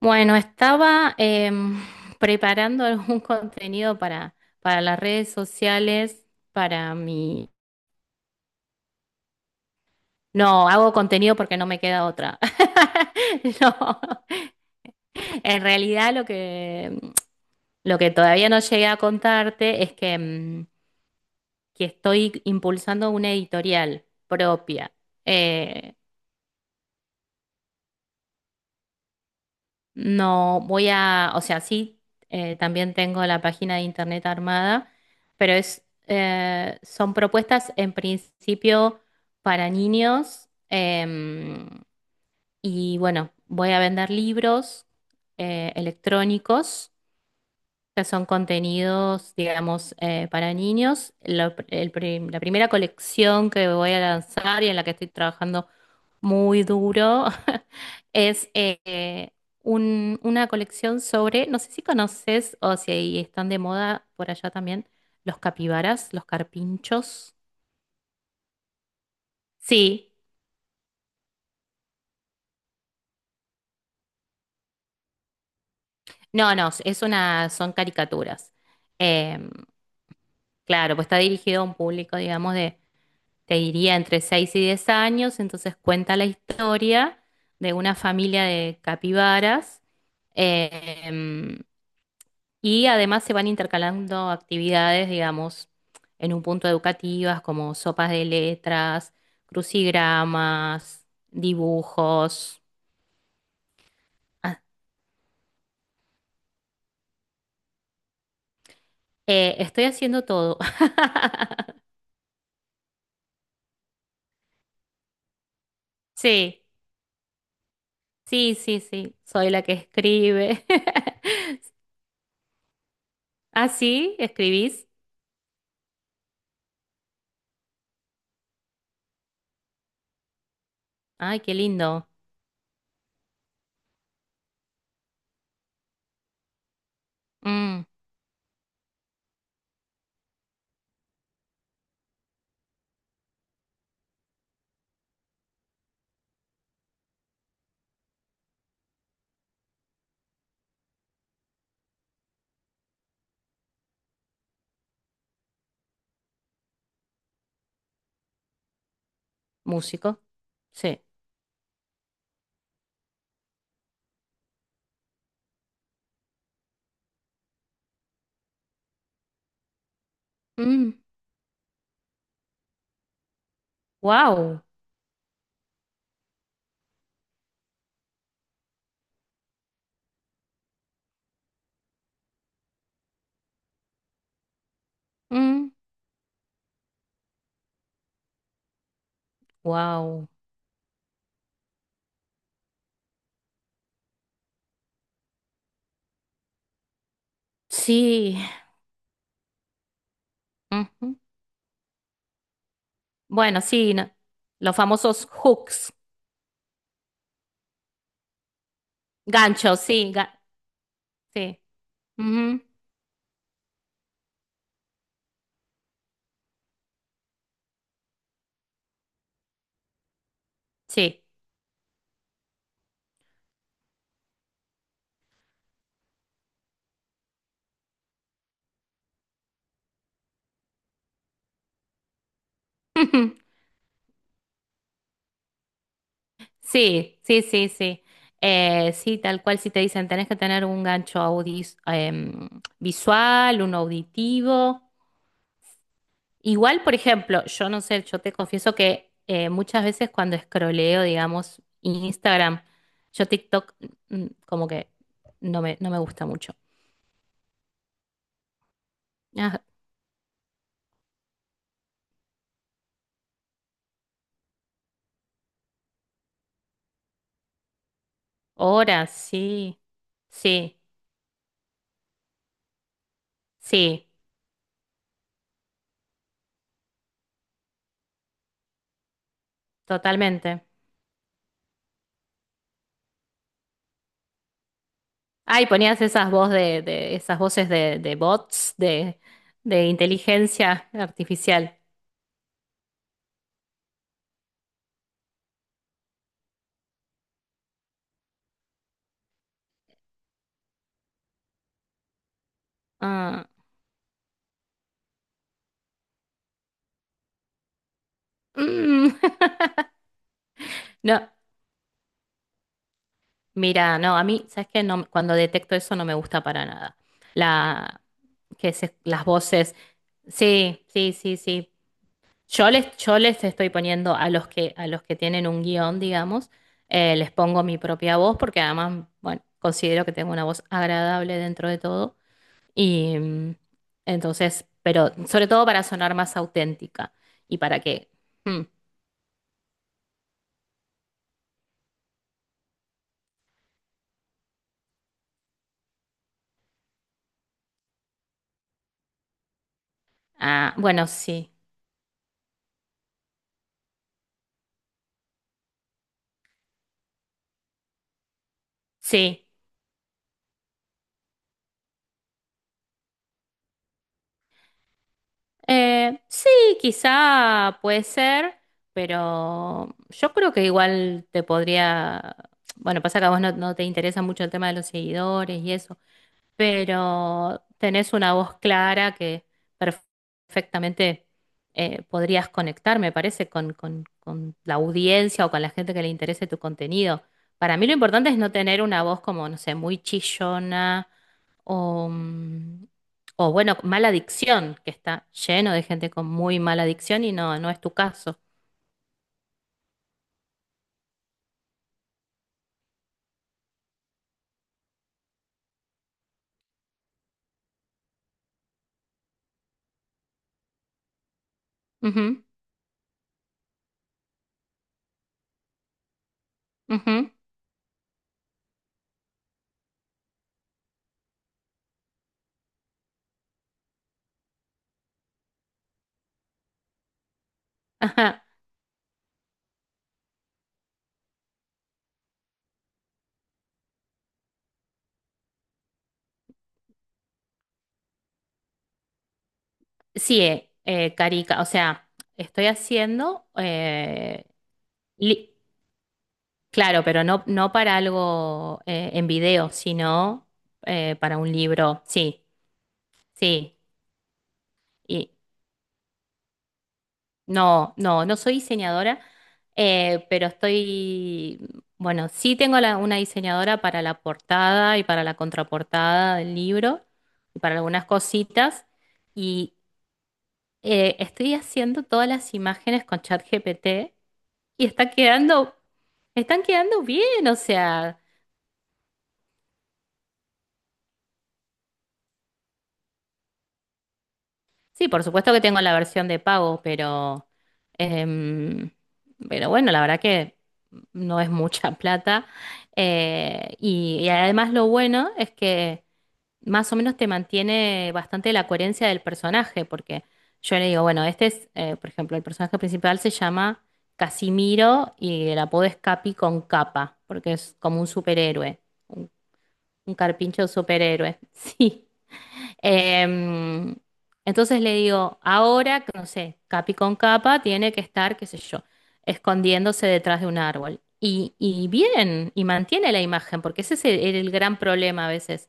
Bueno, estaba preparando algún contenido para las redes sociales, para mi... No, hago contenido porque no me queda otra. No, en realidad lo que todavía no llegué a contarte es que estoy impulsando una editorial propia. Eh, No, o sea, sí, también tengo la página de internet armada, pero son propuestas en principio para niños, y bueno, voy a vender libros electrónicos que son contenidos, digamos, para niños. La primera colección que voy a lanzar y en la que estoy trabajando muy duro. Es eh, eh, una colección sobre, no sé si conoces o si ahí están de moda por allá también, los capibaras, los carpinchos. Sí, no, no, son caricaturas. Em, claro, pues está dirigido a un público, digamos, te diría, entre 6 y 10 años, entonces cuenta la historia de una familia de capibaras. em, Y además se van intercalando actividades, digamos, en un punto educativas como sopas de letras, crucigramas, dibujos. Ah, estoy haciendo todo. Sí, sí, sí, sí. Soy la que escribe. ¿Ah, sí? ¿Escribís? Ay, qué lindo. Mm, músico. Sí. Mm, wow. Mm, wow. Sí. Ujú. Bueno, sí, los famosos hooks. Gancho, sí, sí. Ujú, sí. Ujú, sí, sí, sí, sí. Sí, tal cual si te dicen, tenés que tener un gancho visual, un auditivo. Igual, por ejemplo, yo no sé, yo te confieso que muchas veces cuando escroleo, digamos, Instagram, yo TikTok, como que no me gusta mucho. Ah, horas, sí, sí, sí, totalmente. Ay, ponías esas voz de- esas voces de bots de inteligencia artificial. Ah, mm. No, mira, no, a mí, ¿sabes qué? No, cuando detecto eso no me gusta para nada. La, las voces. Sí, sí, sí, sí. Yo les estoy poniendo a los que tienen un guión, digamos, les pongo mi propia voz porque además, bueno, considero que tengo una voz agradable dentro de todo. Y entonces, pero sobre todo para sonar más auténtica y para que... mm, ah, bueno, sí, sí. Sí, quizá puede ser, pero yo creo que igual te podría. Bueno, pasa que a vos no te interesa mucho el tema de los seguidores y eso, pero tenés una voz clara que perf- perfectamente podrías conectar, me parece, con, con la audiencia o con la gente que le interese tu contenido. Para mí lo importante es no tener una voz como, no sé, muy chillona o, mm, o bueno, mala dicción, que está lleno de gente con muy mala dicción y no es tu caso. Ujú, ujú, ajá. Sí, o sea, estoy haciendo li- Claro, pero no para algo en video, sino para un libro. Sí, sí. Y no, no, no soy diseñadora, pero estoy, bueno, sí tengo una diseñadora para la portada y para la contraportada del libro y para algunas cositas. Y estoy haciendo todas las imágenes con ChatGPT y están quedando bien, o sea. Sí, por supuesto que tengo la versión de pago, em, pero bueno, la verdad que no es mucha plata. Y además lo bueno es que más o menos te mantiene bastante la coherencia del personaje, porque yo le digo, bueno, por ejemplo, el personaje principal se llama Casimiro y el apodo es Capi con capa, porque es como un superhéroe, un, un carpincho superhéroe. Sí. Em, entonces le digo, ahora, que no sé, capi con capa tiene que estar, qué sé yo, escondiéndose detrás de un árbol. Y bien, y mantiene la imagen, porque ese es el gran problema a veces,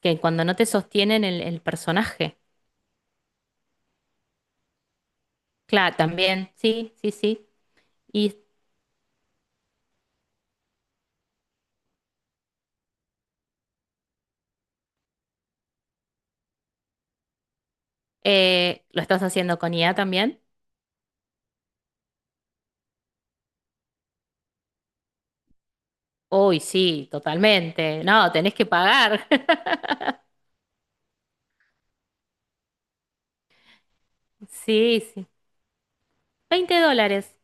que cuando no te sostienen el personaje. Claro, también, sí, sí, sí. ¿Y lo estás haciendo con IA también? Uy, sí, totalmente. No, tenés que pagar. Sí, sí. $20.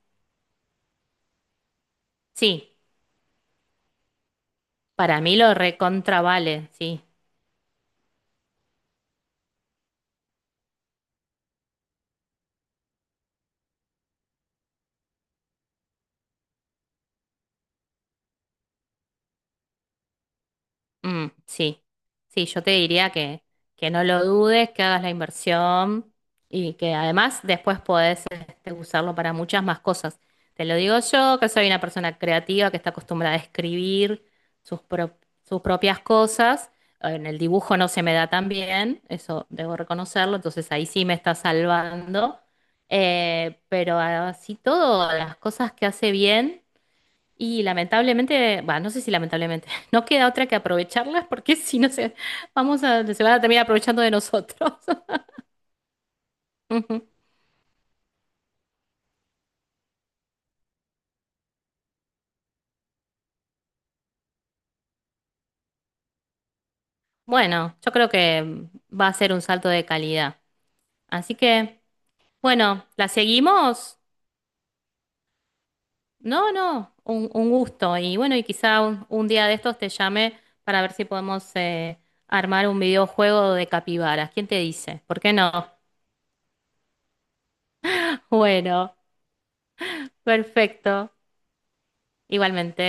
Sí, para mí lo recontra vale, sí. Mm, sí, sí, yo te diría que no lo dudes, que hagas la inversión y que además después podés este, usarlo para muchas más cosas. Te lo digo yo, que soy una persona creativa que está acostumbrada a escribir sus, pro- sus propias cosas. En el dibujo no se me da tan bien, eso debo reconocerlo, entonces ahí sí me está salvando. Pero así todo, las cosas que hace bien. Y lamentablemente, bah, no sé si lamentablemente, no queda otra que aprovecharlas porque si no se van a terminar aprovechando de nosotros. Ujú. Bueno, yo creo que va a ser un salto de calidad. Así que, bueno, ¿la seguimos? No, no, un gusto. Y bueno, y quizá un día de estos te llame para ver si podemos armar un videojuego de capibaras. ¿Quién te dice? ¿Por qué no? Bueno, perfecto. Igualmente.